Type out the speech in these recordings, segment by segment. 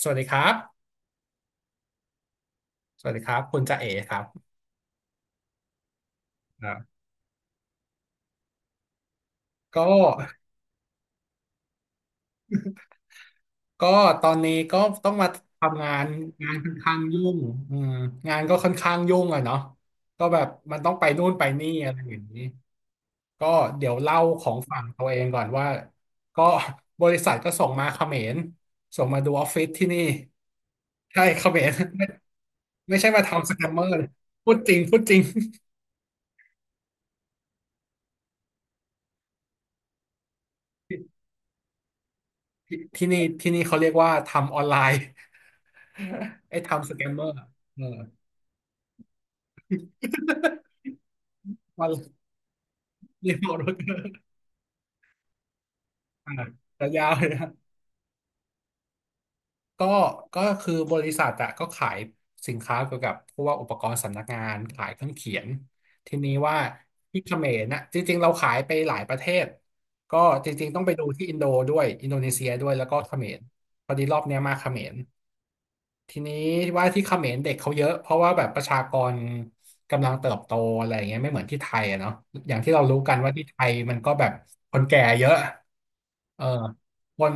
สวัสดีครับ สวัสดีครับคุณจ่าเอ๋ครับ่าก็ก็ตอนนี้ก็ต้องมาทำงานงานค่อนข้างยุ่งอืมงานก็ค่อนข้างยุ่งอะเนาะก็แบบมันต้องไปนู่นไปนี่อะไรอย่างนี้ก็เดี๋ยวเล่าของฝั่งตัวเองก่อนว่าก็บริษัทก็ส่งมาเขมรส่งมาดูออฟฟิศที่นี่ใช่เขมร ไม่ไม่ใช่มาทำสแกมเมอร์พูดจริงพูดจริงที่นี่เขาเรียกว่าทำออนไลน์ ไอ้ทำสแกมเมอร์เออ มาเรียกเอารถอ่ะแต่ยาวเลยนะก็ก็คือบริษัทอะก็ขายสินค้าเกี่ยวกับพวกอุปกรณ์สำนักงานขายเครื่องเขียนทีนี้ว่าที่เขมรนะจริงๆเราขายไปหลายประเทศก็จริงๆต้องไปดูที่อินโดด้วยอินโดนีเซียด้วยแล้วก็เขมรพอดีรอบเนี้ยมาเขมร ทีนี้ว่าที่เขมรเด็กเขาเยอะเพราะว่าแบบประชากรกำลังเติบโตอะไรอย่างเงี้ยไม่เหมือนที่ไทยอะเนาะอย่างที่เรารู้กันว่าที่ไทยมันก็แบบคนแก่เยอะเออคน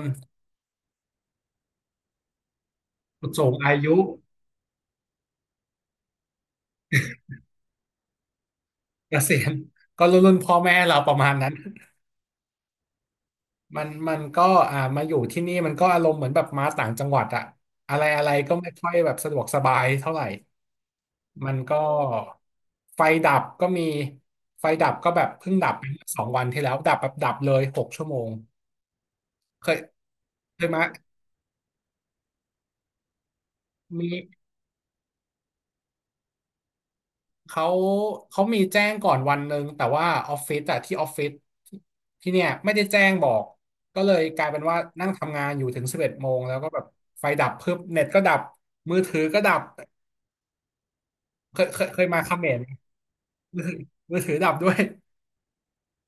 สูงอายุเกษียณก็รุ่นพ่อแม่เราประมาณนั้นมันก็อ่ามาอยู่ที่นี่มันก็อารมณ์เหมือนแบบมาต่างจังหวัดอะอะไรอะไรก็ไม่ค่อยแบบสะดวกสบายเท่าไหร่มันก็ไฟดับก็มีไฟดับก็แบบเพิ่งดับไปเมื่อ2 วันที่แล้วดับแบบดับเลย6 ชั่วโมง เคยเคยมามีเขาเขามีแจ้งก่อนวันหนึ่งแต่ว่าออฟฟิศอะที่ออฟฟิศที่เนี่ยไม่ได้แจ้งบอกก็เลยกลายเป็นว่านั่งทำงานอยู่ถึง11 โมงแล้วก็แบบไฟดับเพิ่มเน็ตก็ดับมือถือก็ดับเคยมาเขมรมือถือมือถือดับด้วย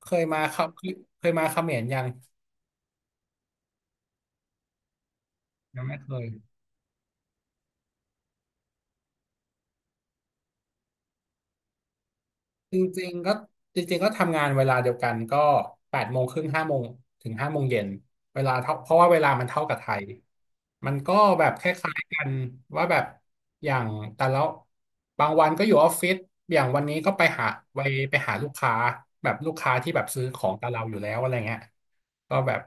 เคยมาครับเคยมาเขมรยังไม่เคย จริงๆก็จริงๆก็ทำงานเวลาเดียวกันก็8 โมงครึ่งห้าโมงถึง5 โมงเย็นเวลาเท่าเพราะว่าเวลามันเท่ากับไทยมันก็แบบคล้ายๆกันว่าแบบอย่างแต่ละบางวันก็อยู่ออฟฟิศอย่างวันนี้ก็ไปหาไปไปหาลูกค้าแบบลูกค้าที่แบบซื้อของกับเราอยู่แล้วอะไรเงี้ยก็แบบ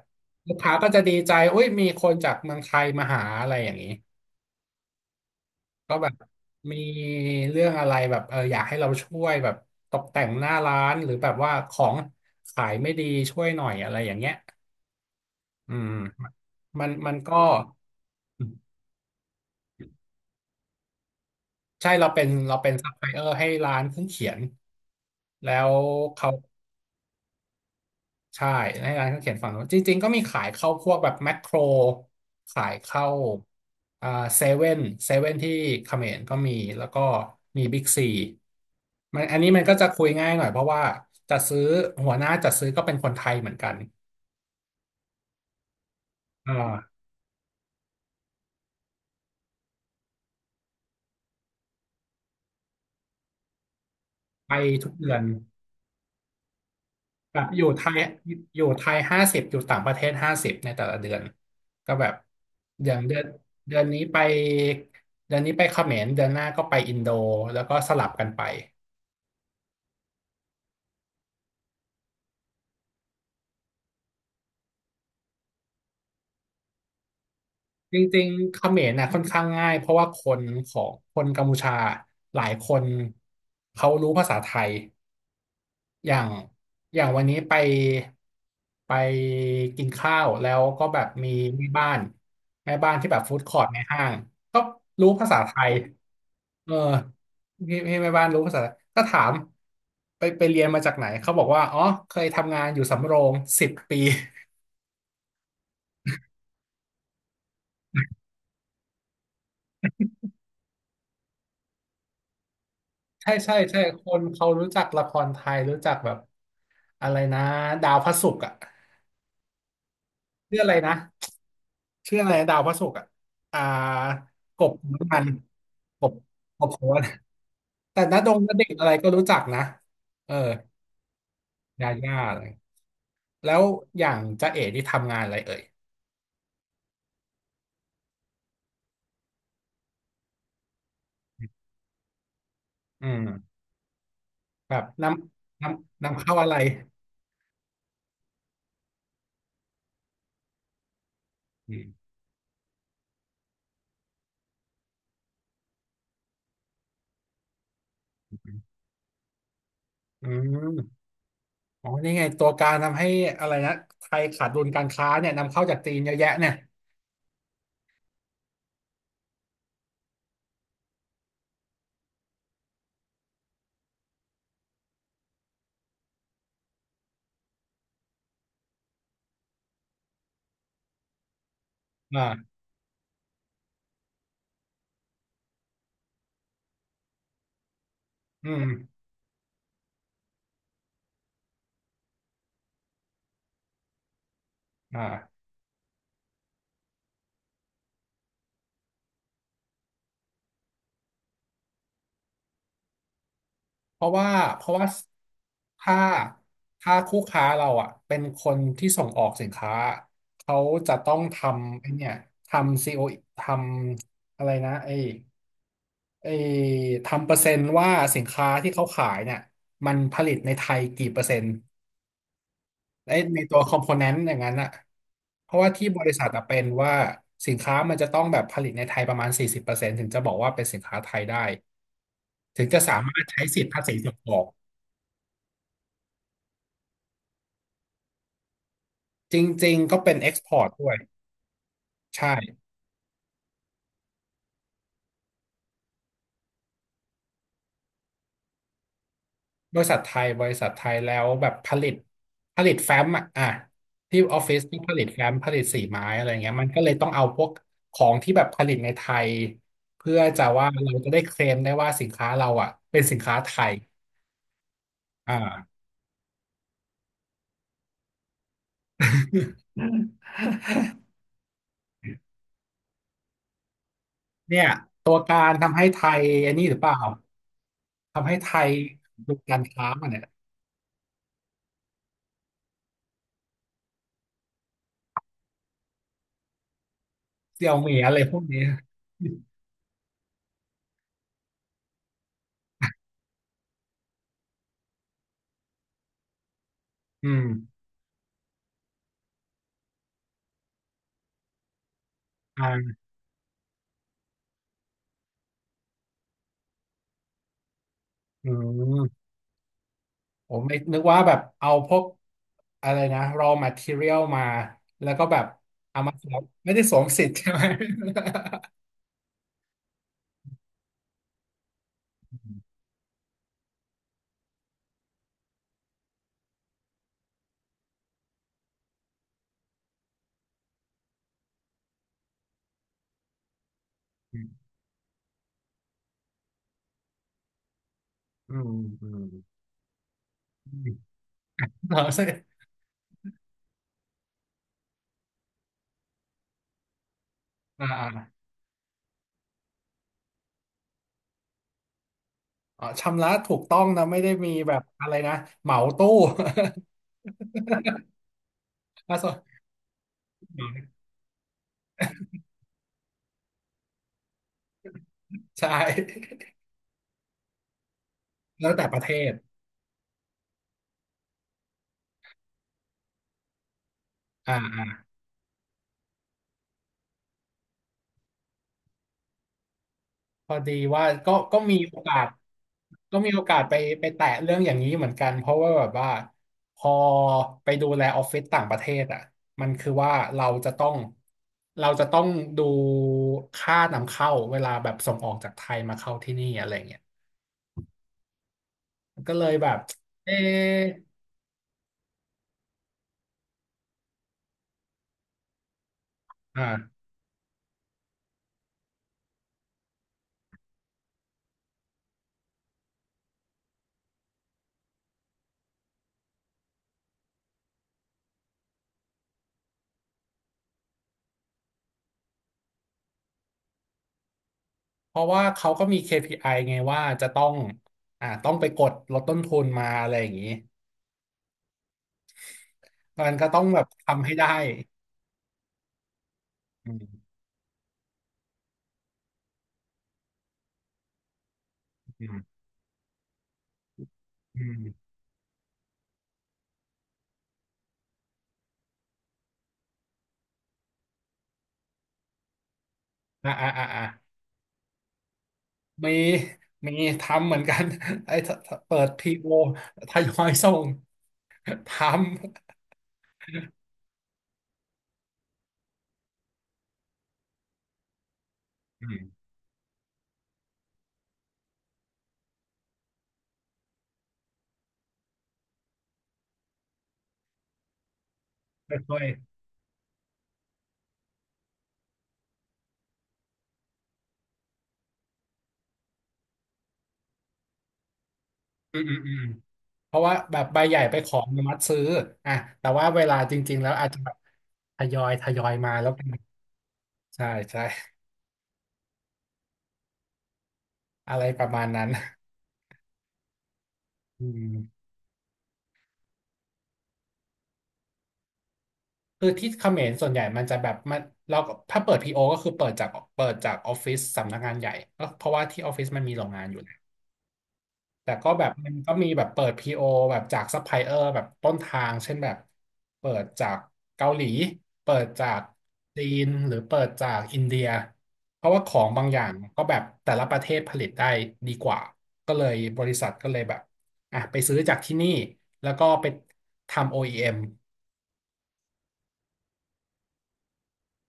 ลูกค้าก็จะดีใจอุ้ยมีคนจากเมืองไทยมาหาอะไรอย่างนี้ ก็แบบมีเรื่องอะไรแบบเอออยากให้เราช่วยแบบตกแต่งหน้าร้านหรือแบบว่าของขายไม่ดีช่วยหน่อยอะไรอย่างเงี้ยอืมมันก็ใช่เราเป็นซัพพลายเออร์ให้ร้านเครื่องเขียนแล้วเขา ใช่ให้ร้านเขาเขียนฝั่งนู้นจริงๆก็มีขายเข้าพวกแบบแมคโครขายเข้าอ่าเซเว่นเซเว่นที่เขมรก็มีแล้วก็มีบิ๊กซีมันอันนี้มันก็จะคุยง่ายหน่อยเพราะว่าจัดซื้อหัวหน้าจัดซื้อก็เป็นคนไทยเหมือนกันอ่าไปทุกเดือนแบบอยู่ไทยอยู่ไทยห้าสิบอยู่ต่างประเทศห้าสิบในแต่ละเดือนก็แบบอย่างเดือนนี้ไปเขมรเดือนหน้าก็ไปอินโดแล้วก็สลับกันไป จริงๆเขมรนะค่อนข้างง่ายเพราะว่าคนของคนกัมพูชาหลายคนเขารู้ภาษาไทยอย่างอย่างวันนี้ไปกินข้าวแล้วก็แบบมีแม่บ้านแม่บ้านที่แบบฟู้ดคอร์ทในห้างก็รู้ภาษาไทยเออพี่แม่บ้านรู้ภาษาก็ถามไปเรียนมาจากไหนเขาบอกว่าอ๋อเคยทำงานอยู่สำโรง10 ปี ใช่ใช่ใช่คนเขารู้จักละครไทยรู้จักแบบอะไรนะดาวพระศุกร์อ่ะชื่ออะไรนะชื่ออะไรนะดาวพระศุกร์อ่ะอ่ากบขุนมันธุ์กบกบขุนมันธุ์แต่ณดงณเดชน์อะไรก็รู้จักนะเออยาย่าอะไรแล้วอย่างจ๊ะเอ๋ที่ทำงานอะไรเอ่ยอืมแบบนำเข้าอะไรอืมอืมอ๋อนี่ไงตัวการทำให้อะไรนะไทยขาดดุลการค้าเนี่ยนำเข้าจากจีนเยอะแยะเนี่ยอ่าอืม อ่าเพราะว่าเพราะว่าถ้าถ้าคู่ค้าเราอ่ะเป็นคนที่ส่งออกสินค้าเขาจะต้องทำไอ้เนี่ยทำซีโอทำอะไรนะไอ้ทำเปอร์เซ็นต์ว่าสินค้าที่เขาขายเนี่ยมันผลิตในไทยกี่เปอร์เซ็นต์ไอ้ในตัวคอมโพเนนต์อย่างนั้นอ่ะเพราะว่าที่บริษัทอะเป็นว่าสินค้ามันจะต้องแบบผลิตในไทยประมาณ40%ถึงจะบอกว่าเป็นสินค้าไทยได้ถึงจะสามารถใช้สิทธิภาษีส่งออก จริงๆก็เป็นเอ็กซ์พอร์ตด้วยใช่บริษัทไทยบริษัทไทยแล้วแบบผลิตผลิตแฟ้มอ่ะที่ออฟฟิศที่ผลิตแฟ้มผลิตสีไม้อะไรเงี้ยมันก็เลยต้องเอาพวกของที่แบบผลิตในไทยเพื่อจะว่าเราจะได้เคลมได้ว่าสินค้าเราอ่ะเป็นสินค้าไทยอ่า เนี่ยตัวการทำให้ไทยอันนี้หรือเปล่าทำให้ไทยดูการค้ามันเนี่ยเซี่ยวเหมียอะไรพวกนี้ อืมอ่าอืม ผมไม่นึกว่าแบบเอาพวกอะไรนะ raw material มาแล้วก็แบบเอามาสวมไม่ได้สวมสิทธิ์ใช่ไหม อืมอืมอืมเราใช่อ่าอ่าอ๋อชำระถูกต้องนะไม่ได้มีแบบอะไรนะเหมาตู้ อ่ะสอนใช่แล้วแต่ประเทศอ่า พอดีว่าก็มีโอกาสก็มีโอกาสไปแตะเรื่องอย่างนี้เหมือนกันเพราะว่าแบบว่าพอไปดูแลออฟฟิศต่างประเทศอ่ะมันคือว่าเราจะต้องดูค่านำเข้าเวลาแบบส่งออกจากไทยมาเข้าที่นี่อะไรเงี้ยก็เลยแบบเอออ่าเพราะว่าเขาก็มี KPI ไอไงว่าจะต้องอ่าต้องไปกดลดต้นทุนมาอะไรอย่างนี้มันก็ต้องแบบทำให้ได้อืมอืมอืมอ่าอ่าอ่า มีมีทำเหมือนกัน ไอ้ถ้าเปิดพีโอทยอยส่ง ทำอืมค่อยๆเพราะว่าแบบใบใหญ่ไปขออนุมัติซื้ออ่ะแต่ว่าเวลาจริงๆแล้วอาจจะแบบทยอยมาแล้วกันใช่ใช่อะไรประมาณนั้นอืมคือที่เขมรส่วนใหญ่มันจะแบบมันเราก็ถ้าเปิดพีโอก็คือเปิดจากออฟฟิศสำนักงานใหญ่ก็เพราะว่าที่ออฟฟิศมันมีโรงงานอยู่ แต่ก็แบบมันก็มีแบบเปิด PO แบบจากซัพพลายเออร์แบบต้นทางเช่นแบบเปิดจากเกาหลีเปิดจากจีนหรือเปิดจากอินเดียเพราะว่าของบางอย่างก็แบบแต่ละประเทศผลิตได้ดีกว่าก็เลยบริษัทก็เลยแบบอ่ะไปซื้อจากที่นี่แล้วก็ไปทำ OEM ออีเอ็ม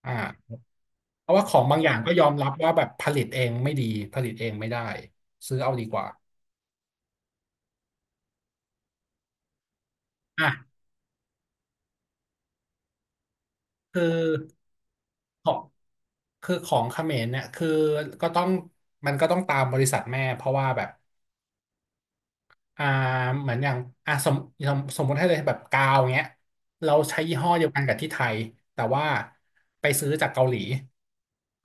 อ่าเพราะว่าของบางอย่างก็ยอมรับว่าแบบผลิตเองไม่ดีผลิตเองไม่ได้ซื้อเอาดีกว่าอ่ะคือ ของคือของเขมรเนี่ยคือก็ต้องมันก็ต้องตามบริษัทแม่เพราะว่าแบบอ่าเหมือนอย่างอ่าสมสมมติให้เลยแบบกาวเงี้ยเราใช้ยี่ห้อเดียวกันกับที่ไทยแต่ว่าไปซื้อจากเกาหลี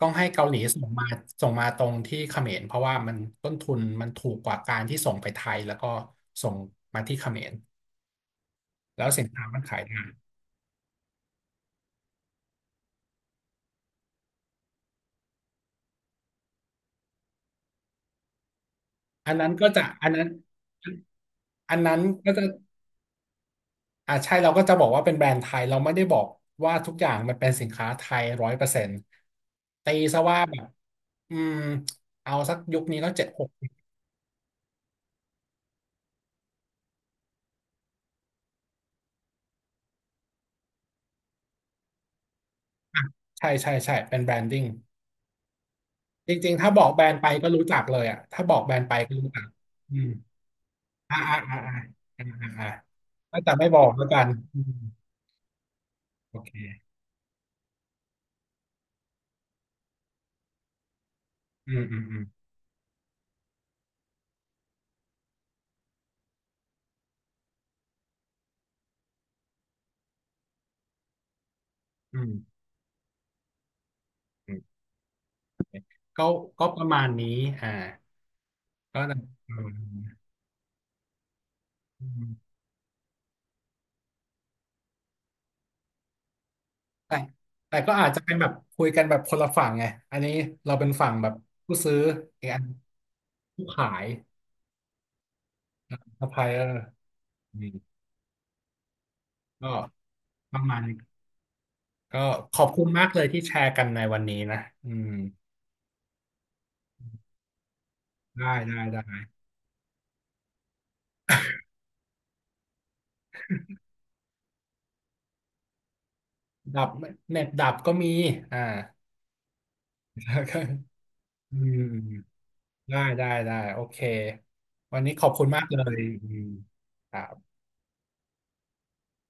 ต้องให้เกาหลีส่งมาส่งมาตรงที่เขมรเพราะว่ามันต้นทุนมันถูกกว่าการที่ส่งไปไทยแล้วก็ส่งมาที่เขมรแล้วสินค้ามันขายได้อันนั้นอันนั้นก็จะ อ่าใช่เราก็จะบอกว่าเป็นแบรนด์ไทยเราไม่ได้บอกว่าทุกอย่างมันเป็นสินค้าไทยร้อยเปอร์เซ็นต์ตีซะว่าแบบอืมเอาสักยุคนี้ก็เจ็ดหกใช่เป็นแบรนดิ้งจริงๆถ้าบอกแบรนด์ไปก็รู้จักเลยอ่ะถ้าบอกแบรนด์ไปก็รู้จักอืมอ่าอ่าอ่าอ่าอ่าอ่าอ่าก็จะไม่บอกแล้วกันอืมโอเคอืมอืมอืมอืมอืมก็ก็ประมาณนี้อ่าก็นะอืม แต่แต่ก็อาจจะเป็นแบบคุยกันแบบคนละฝั่งไงอันนี้เราเป็นฝั่งแบบผู้ซื้ออีกอันผู้ขายซัพพลายเออร์อืมก็ประมาณนี้ก็ขอบคุณมากเลยที่แชร์กันในวันนี้นะอืมได้ดับเน็ตดับก็มีอ่า แล้วก็อืมได้โอเควันนี้ขอบคุณมากเลยอืมครับ